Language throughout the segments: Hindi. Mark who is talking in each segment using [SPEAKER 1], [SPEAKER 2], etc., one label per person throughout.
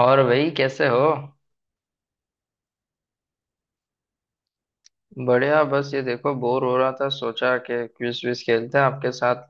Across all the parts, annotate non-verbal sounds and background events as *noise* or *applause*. [SPEAKER 1] और भाई कैसे हो। बढ़िया, बस ये देखो बोर हो रहा था, सोचा कि क्विज विज खेलते हैं आपके साथ।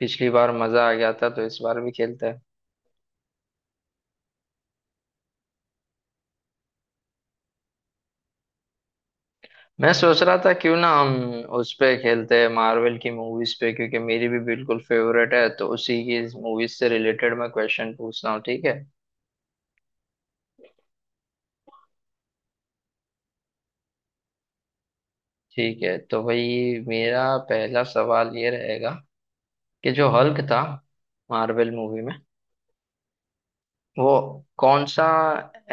[SPEAKER 1] पिछली बार मजा आ गया था तो इस बार भी खेलते हैं। मैं सोच रहा था क्यों ना हम उस पे खेलते हैं, मार्वल की मूवीज पे, क्योंकि मेरी भी बिल्कुल फेवरेट है, तो उसी की मूवीज से रिलेटेड मैं क्वेश्चन पूछ रहा हूँ, ठीक है। ठीक है तो भाई मेरा पहला सवाल ये रहेगा कि जो हल्क था मार्वल मूवी में, वो कौन सा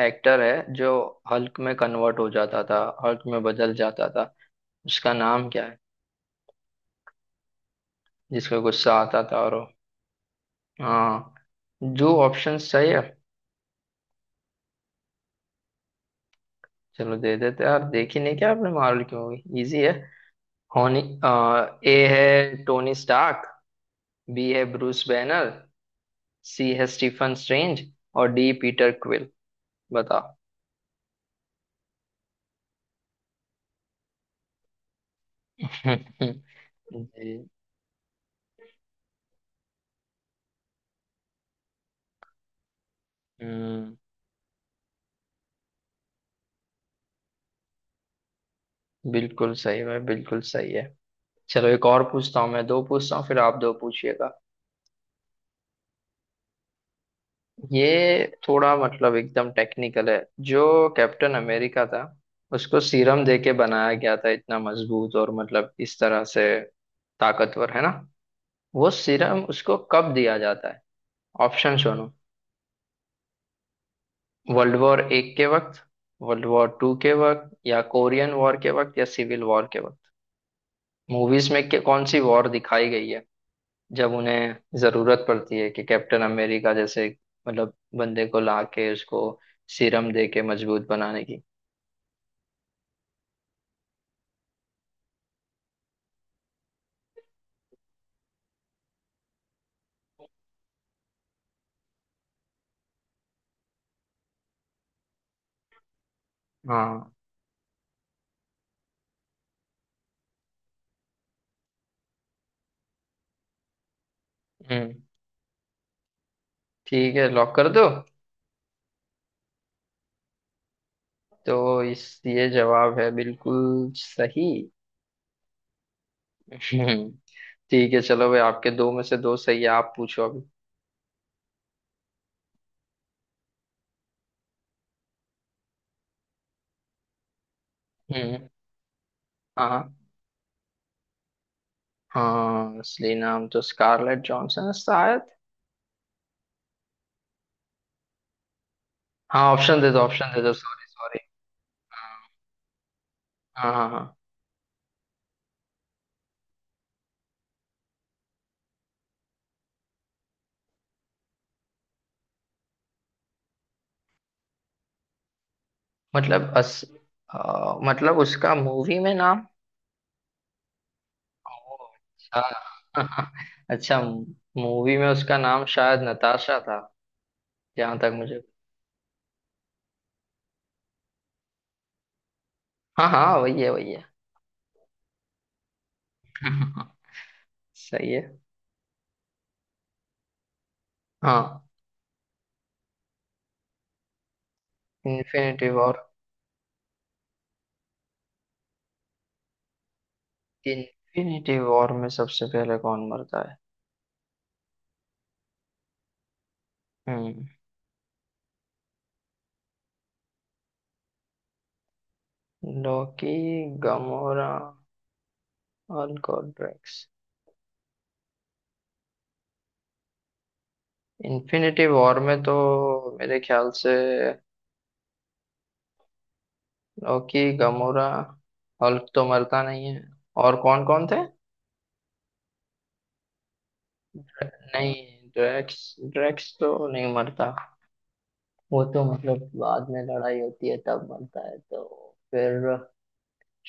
[SPEAKER 1] एक्टर है जो हल्क में कन्वर्ट हो जाता था, हल्क में बदल जाता था, उसका नाम क्या है, जिसको गुस्सा आता था और वो-। हाँ, जो ऑप्शन सही है। चलो दे देते हैं। यार देखी नहीं क्या आपने मार्वल की मूवी, इजी है होनी। ए है टोनी स्टार्क, बी है ब्रूस बैनर, सी है स्टीफन स्ट्रेंज और डी पीटर क्विल। बताओ। *laughs* जी। हम्म। बिल्कुल सही है, बिल्कुल सही है। चलो एक और पूछता हूँ मैं, दो पूछता हूँ फिर आप दो पूछिएगा। ये थोड़ा मतलब एकदम टेक्निकल है। जो कैप्टन अमेरिका था, उसको सीरम दे के बनाया गया था इतना मजबूत और मतलब इस तरह से ताकतवर, है ना। वो सीरम उसको कब दिया जाता है। ऑप्शन सुनो। वर्ल्ड वॉर एक के वक्त, वर्ल्ड वॉर टू के वक्त, या कोरियन वॉर के वक्त, या सिविल वॉर के वक्त। मूवीज में कौन सी वॉर दिखाई गई है जब उन्हें जरूरत पड़ती है कि कैप्टन अमेरिका जैसे मतलब बंदे को ला के उसको सीरम दे के मजबूत बनाने की। हाँ। हम्म। ठीक है, लॉक कर दो। तो इस ये जवाब है बिल्कुल सही। हम्म, ठीक है चलो भाई, आपके दो में से दो सही है, आप पूछो अभी। हम्म। हाँ। हाँ, असली नाम तो स्कारलेट जॉनसन है शायद। हाँ, ऑप्शन दे दो, ऑप्शन दे दो, सॉरी सॉरी। हाँ हाँ हाँ। मतलब अस मतलब उसका मूवी में नाम। ओह, अच्छा। *laughs* अच्छा। मूवी में उसका नाम शायद नताशा था, जहां तक मुझे। हाँ हाँ, वही है वही है। *laughs* सही है। हाँ। Infinity war. इन्फिनिटी वॉर में सबसे पहले कौन मरता है। हम्म। लॉकी, गमोरा और गॉड्रेक्स। इन्फिनिटी वॉर में तो मेरे ख्याल से लॉकी, गमोरा, हल्क तो मरता नहीं है, और कौन कौन थे। नहीं, ड्रैक्स, ड्रैक्स तो नहीं मरता, वो तो मतलब बाद में लड़ाई होती है तब मरता है। तो फिर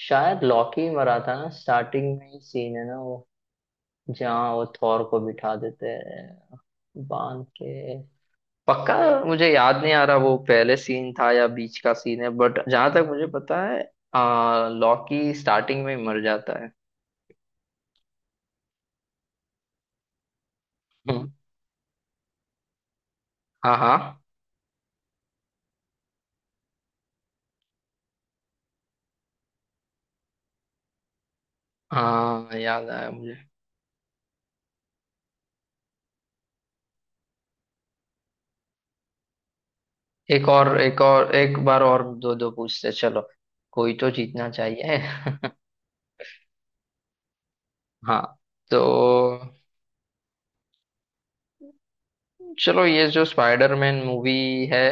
[SPEAKER 1] शायद लॉकी ही मरा था ना, स्टार्टिंग में ही सीन है ना वो, जहाँ वो थॉर को बिठा देते हैं बांध के। पक्का। मुझे याद नहीं आ रहा वो पहले सीन था या बीच का सीन है, बट जहां तक मुझे पता है लॉकी स्टार्टिंग में ही मर जाता है। *laughs* हम्म, हाँ हाँ, हाँ याद आया मुझे। एक और, एक और, एक बार और, दो दो पूछते चलो, कोई तो जीतना चाहिए। *laughs* हाँ। तो चलो, ये जो स्पाइडरमैन मूवी है,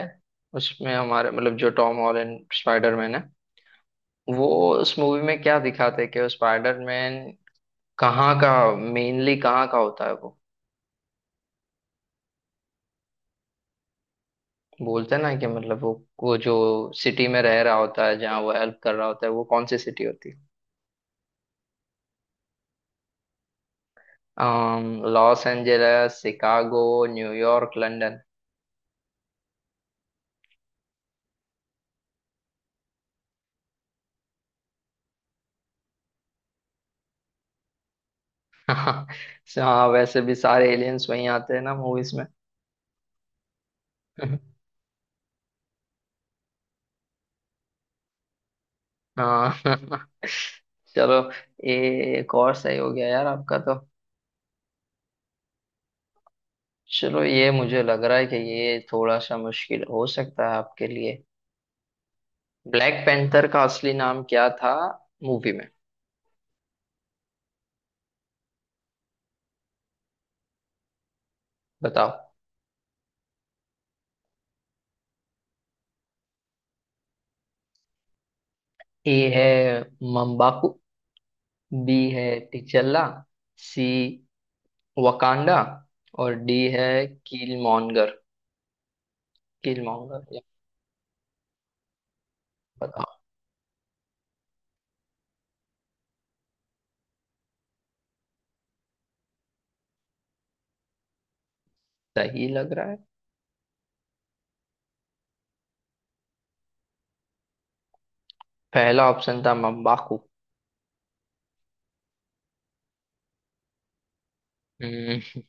[SPEAKER 1] उसमें हमारे मतलब जो टॉम हॉलैंड स्पाइडरमैन है, वो उस मूवी में क्या दिखाते हैं कि वो स्पाइडरमैन कहाँ का, मेनली कहाँ का होता है वो। बोलते हैं ना कि मतलब वो जो सिटी में रह रहा होता है जहाँ वो हेल्प कर रहा होता है, वो कौन सी सिटी होती है। Los Angeles, Chicago, New York, London. हाँ। हाँ, वैसे भी सारे एलियंस वहीं आते हैं ना मूवीज में। हाँ। चलो ये एक और सही हो गया यार आपका तो। चलो, ये मुझे लग रहा है कि ये थोड़ा सा मुश्किल हो सकता है आपके लिए। ब्लैक पैंथर का असली नाम क्या था मूवी में। बताओ। ए है मम्बाकू, बी है टिचल्ला, सी वकांडा, और डी है कील मॉन्गर। कील मॉन्गर। बताओ। सही लग रहा है। पहला ऑप्शन था मम्बाकू। हम्म,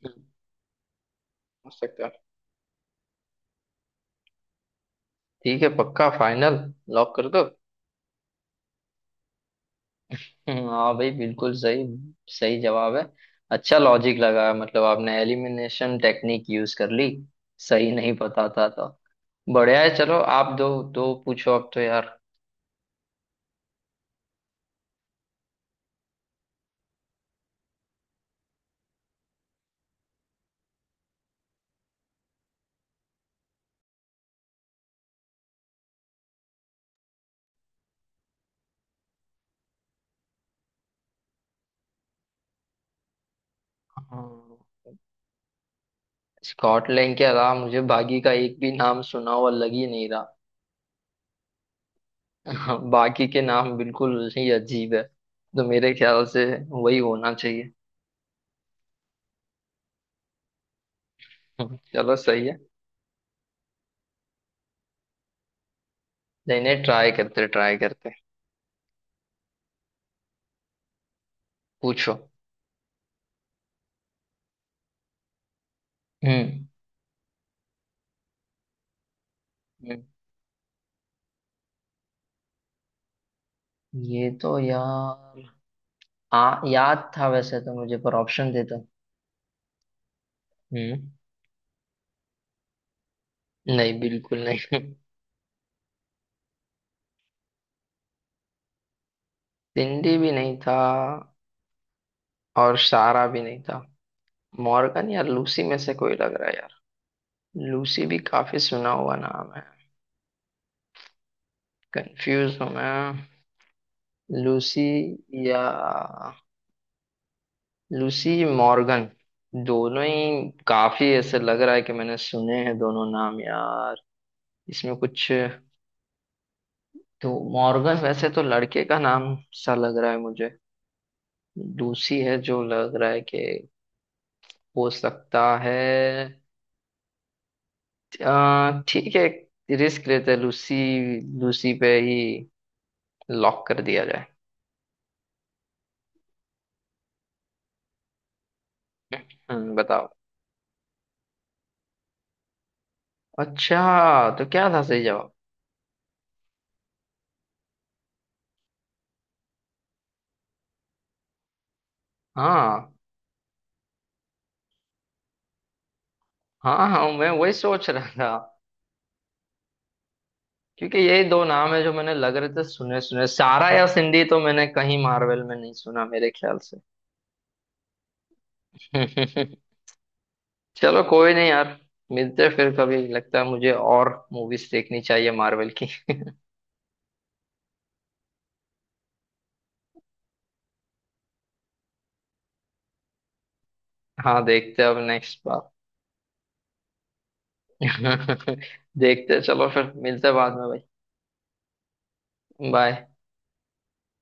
[SPEAKER 1] हो सकता है। ठीक है, पक्का फाइनल, लॉक कर दो। हाँ भाई बिल्कुल सही, सही जवाब है। अच्छा लॉजिक लगा, मतलब आपने एलिमिनेशन टेक्निक यूज कर ली, सही नहीं पता था तो। बढ़िया है, चलो आप दो दो पूछो अब तो यार। हाँ। स्कॉटलैंड के अलावा मुझे बाकी का एक भी नाम सुना हुआ लग ही नहीं रहा। *laughs* बाकी के नाम बिल्कुल ही अजीब है, तो मेरे ख्याल से वही होना चाहिए। *laughs* चलो सही है। नहीं नहीं, ट्राई करते ट्राई करते। पूछो। हम्म। हम्म। ये तो यार। याद था वैसे तो मुझे, पर ऑप्शन देता। हम्म। नहीं, बिल्कुल नहीं। *laughs* सिंडी भी नहीं था और सारा भी नहीं था। मॉर्गन या लूसी में से कोई लग रहा है यार। लूसी भी काफी सुना हुआ नाम है। कंफ्यूज हूँ मैं। लूसी या लूसी, मॉर्गन, दोनों ही काफी ऐसे लग रहा है कि मैंने सुने हैं दोनों नाम यार। इसमें कुछ, तो मॉर्गन वैसे तो लड़के का नाम सा लग रहा है मुझे। लूसी है जो लग रहा है कि हो सकता है। ठीक है, रिस्क लेते हैं, लूसी, लूसी पे ही लॉक कर दिया जाए। बताओ। अच्छा, तो क्या था सही जवाब। हाँ हाँ, हाँ मैं वही सोच रहा था, क्योंकि यही दो नाम है जो मैंने लग रहे थे सुने सुने। सारा या सिंधी तो मैंने कहीं मार्वल में नहीं सुना मेरे ख्याल से। *laughs* चलो कोई नहीं यार, मिलते हैं फिर कभी। लगता है मुझे और मूवीज देखनी चाहिए मार्वल की। *laughs* हाँ देखते हैं अब नेक्स्ट बार। *laughs* देखते हैं, चलो फिर मिलते हैं बाद में भाई। बाय।